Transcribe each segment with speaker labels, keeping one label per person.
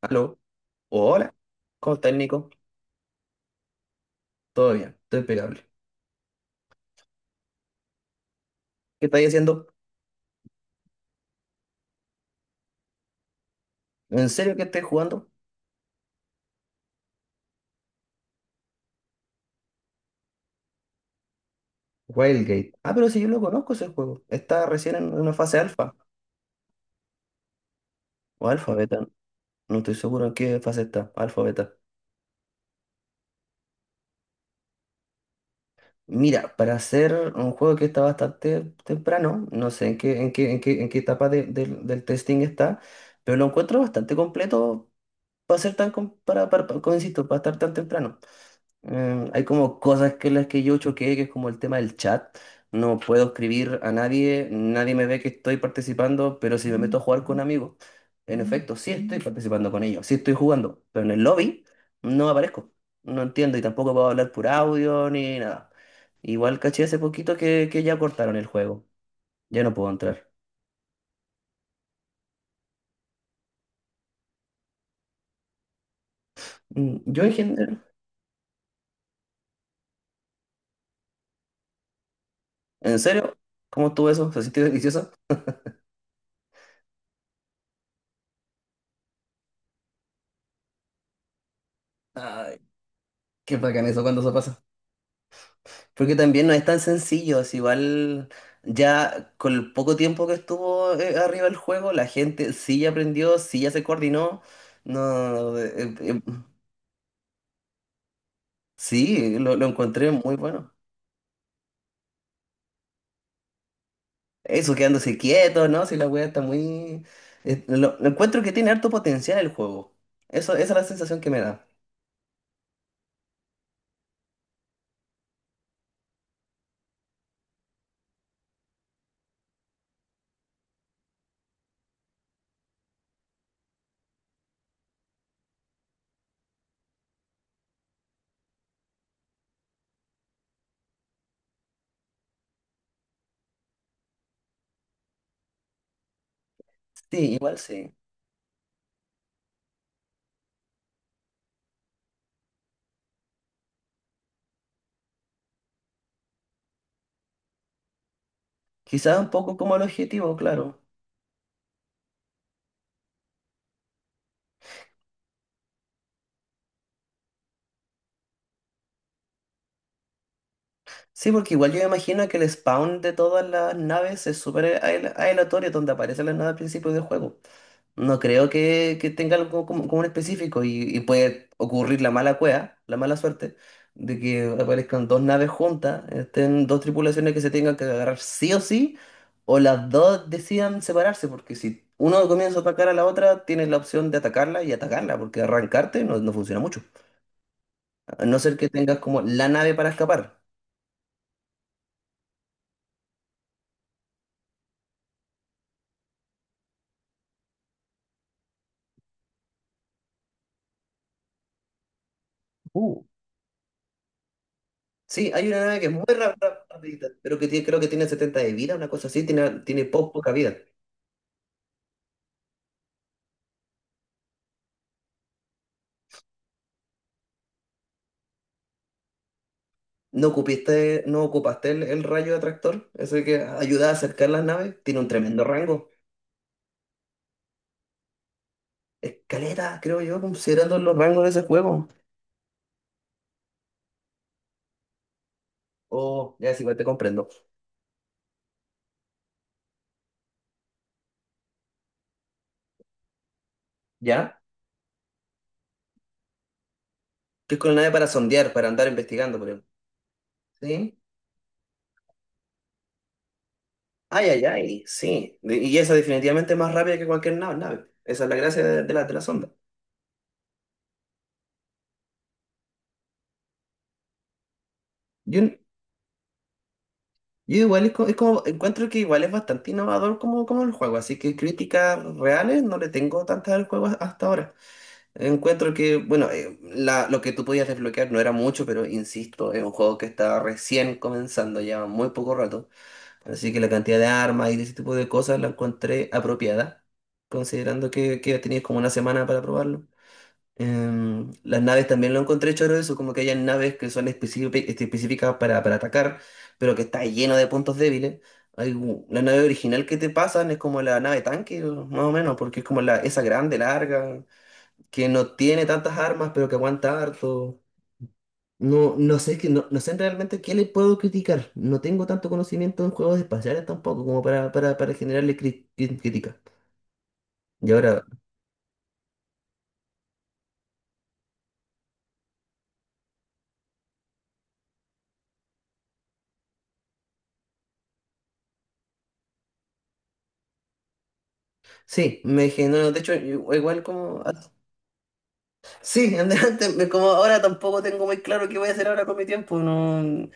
Speaker 1: Aló, hola, ¿cómo estás, Nico? Todo bien, estoy impecable. ¿Qué estáis haciendo? ¿En serio que estáis jugando? Wildgate. Ah, pero si yo lo conozco ese juego. Está recién en una fase alfa o alfa beta. No estoy seguro en qué fase está, alfa beta. Mira, para hacer un juego que está bastante temprano, no sé en qué etapa del testing está, pero lo encuentro bastante completo para ser tan, como insisto, para estar tan temprano. Hay como cosas que las que yo choqué, que es como el tema del chat. No puedo escribir a nadie, nadie me ve que estoy participando, pero si me meto a jugar con amigos, en efecto, sí estoy participando con ellos, sí estoy jugando, pero en el lobby no aparezco, no entiendo y tampoco puedo hablar por audio ni nada. Igual caché hace poquito que ya cortaron el juego, ya no puedo entrar. Yo en general, ¿en serio? ¿Cómo estuvo eso? ¿Se sintió delicioso? Ay, qué bacán eso cuando se pasa. Porque también no es tan sencillo, es igual ya con el poco tiempo que estuvo arriba el juego, la gente sí ya aprendió, sí ya se coordinó. No, sí, lo encontré muy bueno. Eso quedándose quieto, ¿no? Si la wea está muy. Lo encuentro que tiene harto potencial el juego. Eso, esa es la sensación que me da. Sí, igual sí. Quizás un poco como el objetivo, claro. Sí, porque igual yo me imagino que el spawn de todas las naves es súper aleatorio donde aparecen las naves al principio del juego. No creo que tenga algo como, como un específico y puede ocurrir la mala cueva, la mala suerte, de que aparezcan dos naves juntas, estén dos tripulaciones que se tengan que agarrar sí o sí, o las dos decidan separarse, porque si uno comienza a atacar a la otra, tienes la opción de atacarla y atacarla, porque arrancarte no, no funciona mucho, a no ser que tengas como la nave para escapar. Uh. Sí, hay una nave que es muy rapidita, pero creo que tiene 70 de vida, una cosa así, tiene poca vida. ¿No ocupaste el rayo de atractor? Ese que ayuda a acercar las naves. Tiene un tremendo rango. Escaleta, creo yo, considerando los rangos de ese juego. Oh, ya, sí, igual te comprendo. ¿Ya? Que es con la nave para sondear, para andar investigando, por ejemplo. ¿Sí? Ay, ay, ay, sí. Y esa definitivamente es más rápida que cualquier nave. Esa es la gracia de la sonda. Yo, Yo igual es es como, encuentro que igual es bastante innovador como, como el juego, así que críticas reales no le tengo tantas al juego hasta ahora. Encuentro que, bueno, lo que tú podías desbloquear no era mucho, pero insisto, es un juego que está recién comenzando, lleva muy poco rato, así que la cantidad de armas y de ese tipo de cosas la encontré apropiada, considerando que tenías como una semana para probarlo. Las naves también lo encontré choro eso, como que hay naves que son específicas para, atacar, pero que está lleno de puntos débiles. Hay la nave original que te pasan es como la nave tanque, más o menos, porque es como la, esa grande, larga, que no tiene tantas armas, pero que aguanta harto. No, no sé, que no, no sé realmente qué le puedo criticar. No tengo tanto conocimiento en juegos espaciales tampoco como para, generarle crítica. Y ahora, sí, me generó, de hecho, igual como Sí, adelante, como ahora tampoco tengo muy claro qué voy a hacer ahora con mi tiempo, no,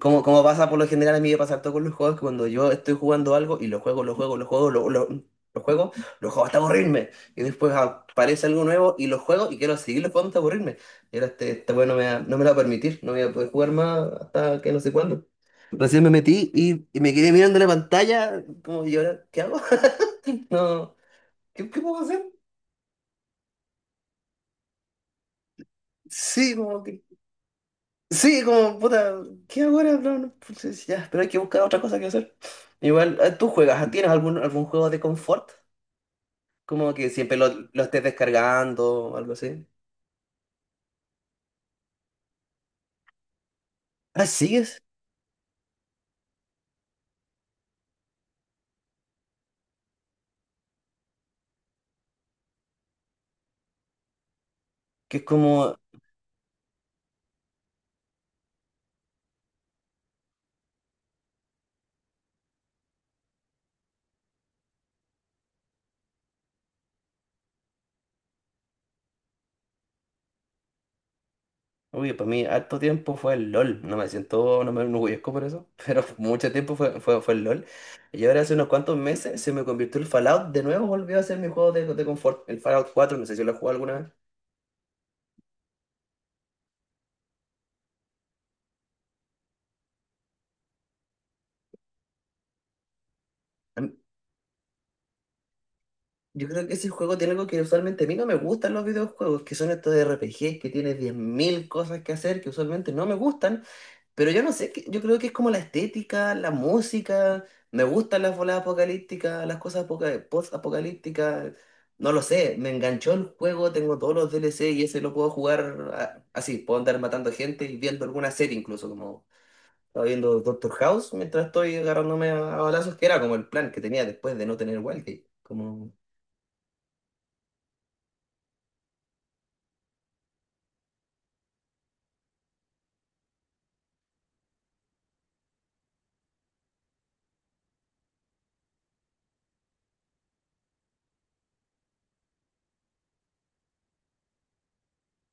Speaker 1: como, como pasa por lo general a mí me pasa todo con los juegos, que cuando yo estoy jugando algo y lo juego, lo juego, lo juego, lo juego, lo juego hasta aburrirme, y después aparece algo nuevo y lo juego y quiero seguirlo jugando hasta aburrirme, y ahora este juego no me, no me lo va a permitir, no voy a poder jugar más hasta que no sé cuándo. Recién me metí y me quedé mirando la pantalla, como, ¿y ahora qué hago? No, ¿qué puedo hacer? Sí, como, que. Sí, como, puta, ¿qué hago ahora? No, no, pues, ya, pero hay que buscar otra cosa que hacer. Igual, ¿tú juegas? ¿Tienes algún juego de confort? Como que siempre lo estés descargando o algo así. Ah, ¿sigues? Que es como, uy, para mí harto tiempo fue el LOL. No me siento, no me enorgullezco por eso, pero mucho tiempo fue el LOL. Y ahora hace unos cuantos meses se me convirtió el Fallout. De nuevo volvió a ser mi juego de confort. El Fallout 4 no sé si lo he jugado alguna vez. Yo creo que ese juego tiene algo que usualmente a mí no me gustan los videojuegos, que son estos RPGs que tienes 10.000 cosas que hacer que usualmente no me gustan, pero yo no sé, yo creo que es como la estética, la música, me gustan las voladas apocalípticas, las cosas post-apocalípticas, no lo sé, me enganchó el juego, tengo todos los DLC y ese lo puedo jugar así, puedo andar matando gente y viendo alguna serie incluso, como estaba viendo Doctor House mientras estoy agarrándome a balazos, que era como el plan que tenía después de no tener Wildgate, como...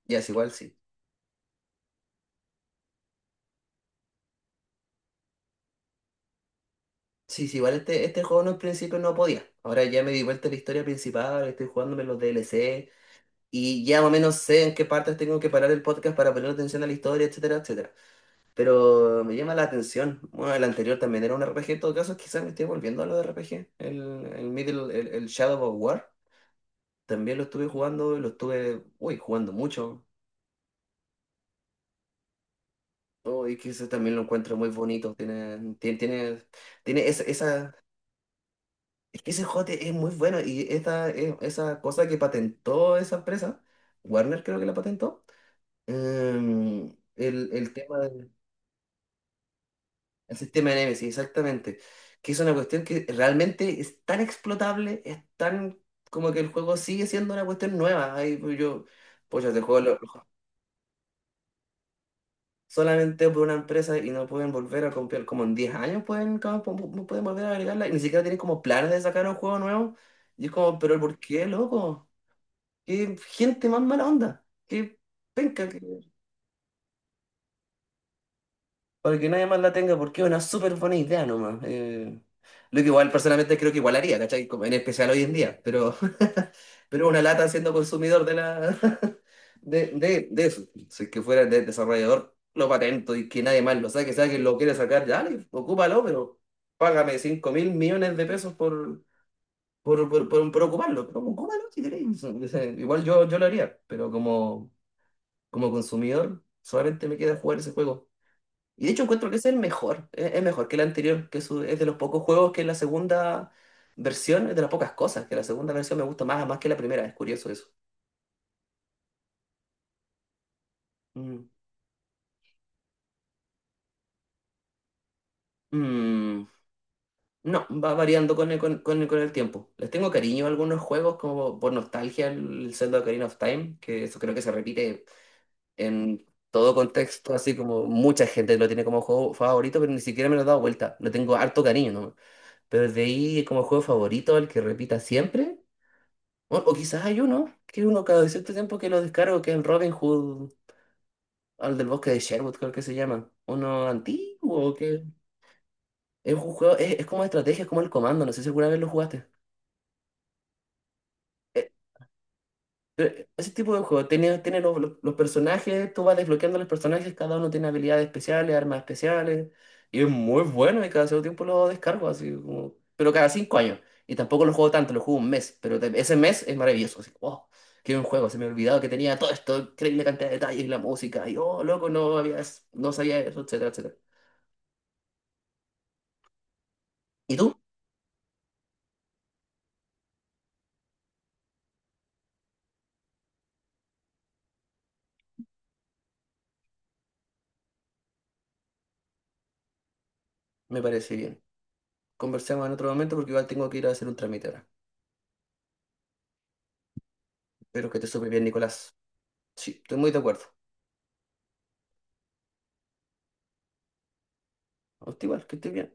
Speaker 1: Ya es igual, sí. Sí, sí, igual este juego no al principio no podía. Ahora ya me di vuelta a la historia principal, estoy jugándome los DLC y ya más o menos sé en qué partes tengo que parar el podcast para poner atención a la historia, etcétera, etcétera. Pero me llama la atención. Bueno, el anterior también era un RPG, en todo caso, quizás me estoy volviendo a los RPG. El Middle, el Shadow of War, también lo estuve jugando, lo estuve, uy, jugando mucho. Oh, y que ese también lo encuentro muy bonito. Tiene esa es que ese jote es muy bueno y esa esa cosa que patentó esa empresa, Warner creo que la patentó, em, el tema del el sistema de Nemesis, exactamente, que es una cuestión que realmente es tan explotable, es tan como que el juego sigue siendo una cuestión nueva. Ahí pues yo te juego solamente por una empresa y no pueden volver a comprar, como en 10 años pueden, como, pueden volver a agregarla y ni siquiera tienen como planes de sacar un juego nuevo. Y es como, pero ¿por qué, loco? Qué gente más mala onda. Qué penca. Para que nadie más la tenga, porque es una súper buena idea nomás. Lo que igual personalmente creo que igual haría, ¿cachai? Como en especial hoy en día. Pero, pero una lata siendo consumidor de la de eso. Si es que fuera de desarrollador, lo patento y que nadie más lo saque, sea que lo quiere sacar, dale, ocúpalo, pero págame 5.000 millones de pesos por ocuparlo. Pero ocúpalo si queréis. O sea, igual yo lo haría, pero como. Como consumidor, solamente me queda jugar ese juego. Y de hecho encuentro que ese es el mejor, es mejor que el anterior, es de los pocos juegos que la segunda versión, es de las pocas cosas, que la segunda versión me gusta más, más que la primera, es curioso eso. Mm. Mm, No, va variando con el, con el tiempo. Les tengo cariño a algunos juegos, como por nostalgia, el Zelda Ocarina of Time, que eso creo que se repite en todo contexto, así como mucha gente lo tiene como juego favorito, pero ni siquiera me lo he dado vuelta. Lo tengo harto cariño, ¿no? Pero de ahí como juego favorito, el que repita siempre. O quizás hay uno, que uno cada cierto tiempo que lo descargo, que es el Robin Hood, al del bosque de Sherwood, creo que se llama. Uno antiguo, que es un juego, es como de estrategia, es como el comando, no sé si alguna vez lo jugaste. Ese tipo de juego, tiene, tiene los personajes, tú vas desbloqueando los personajes, cada uno tiene habilidades especiales, armas especiales, y es muy bueno y cada cierto tiempo lo descargo, así como, pero cada 5 años. Y tampoco lo juego tanto, lo juego un mes, ese mes es maravilloso, así, wow, qué buen juego, se me ha olvidado que tenía todo esto, increíble cantidad de detalles, la música, y oh, loco, no sabía eso, etcétera, etcétera. ¿Y tú? Me parece bien. Conversemos en otro momento porque igual tengo que ir a hacer un trámite ahora. Espero que te supe bien, Nicolás. Sí, estoy muy de acuerdo. A usted igual, que estés bien.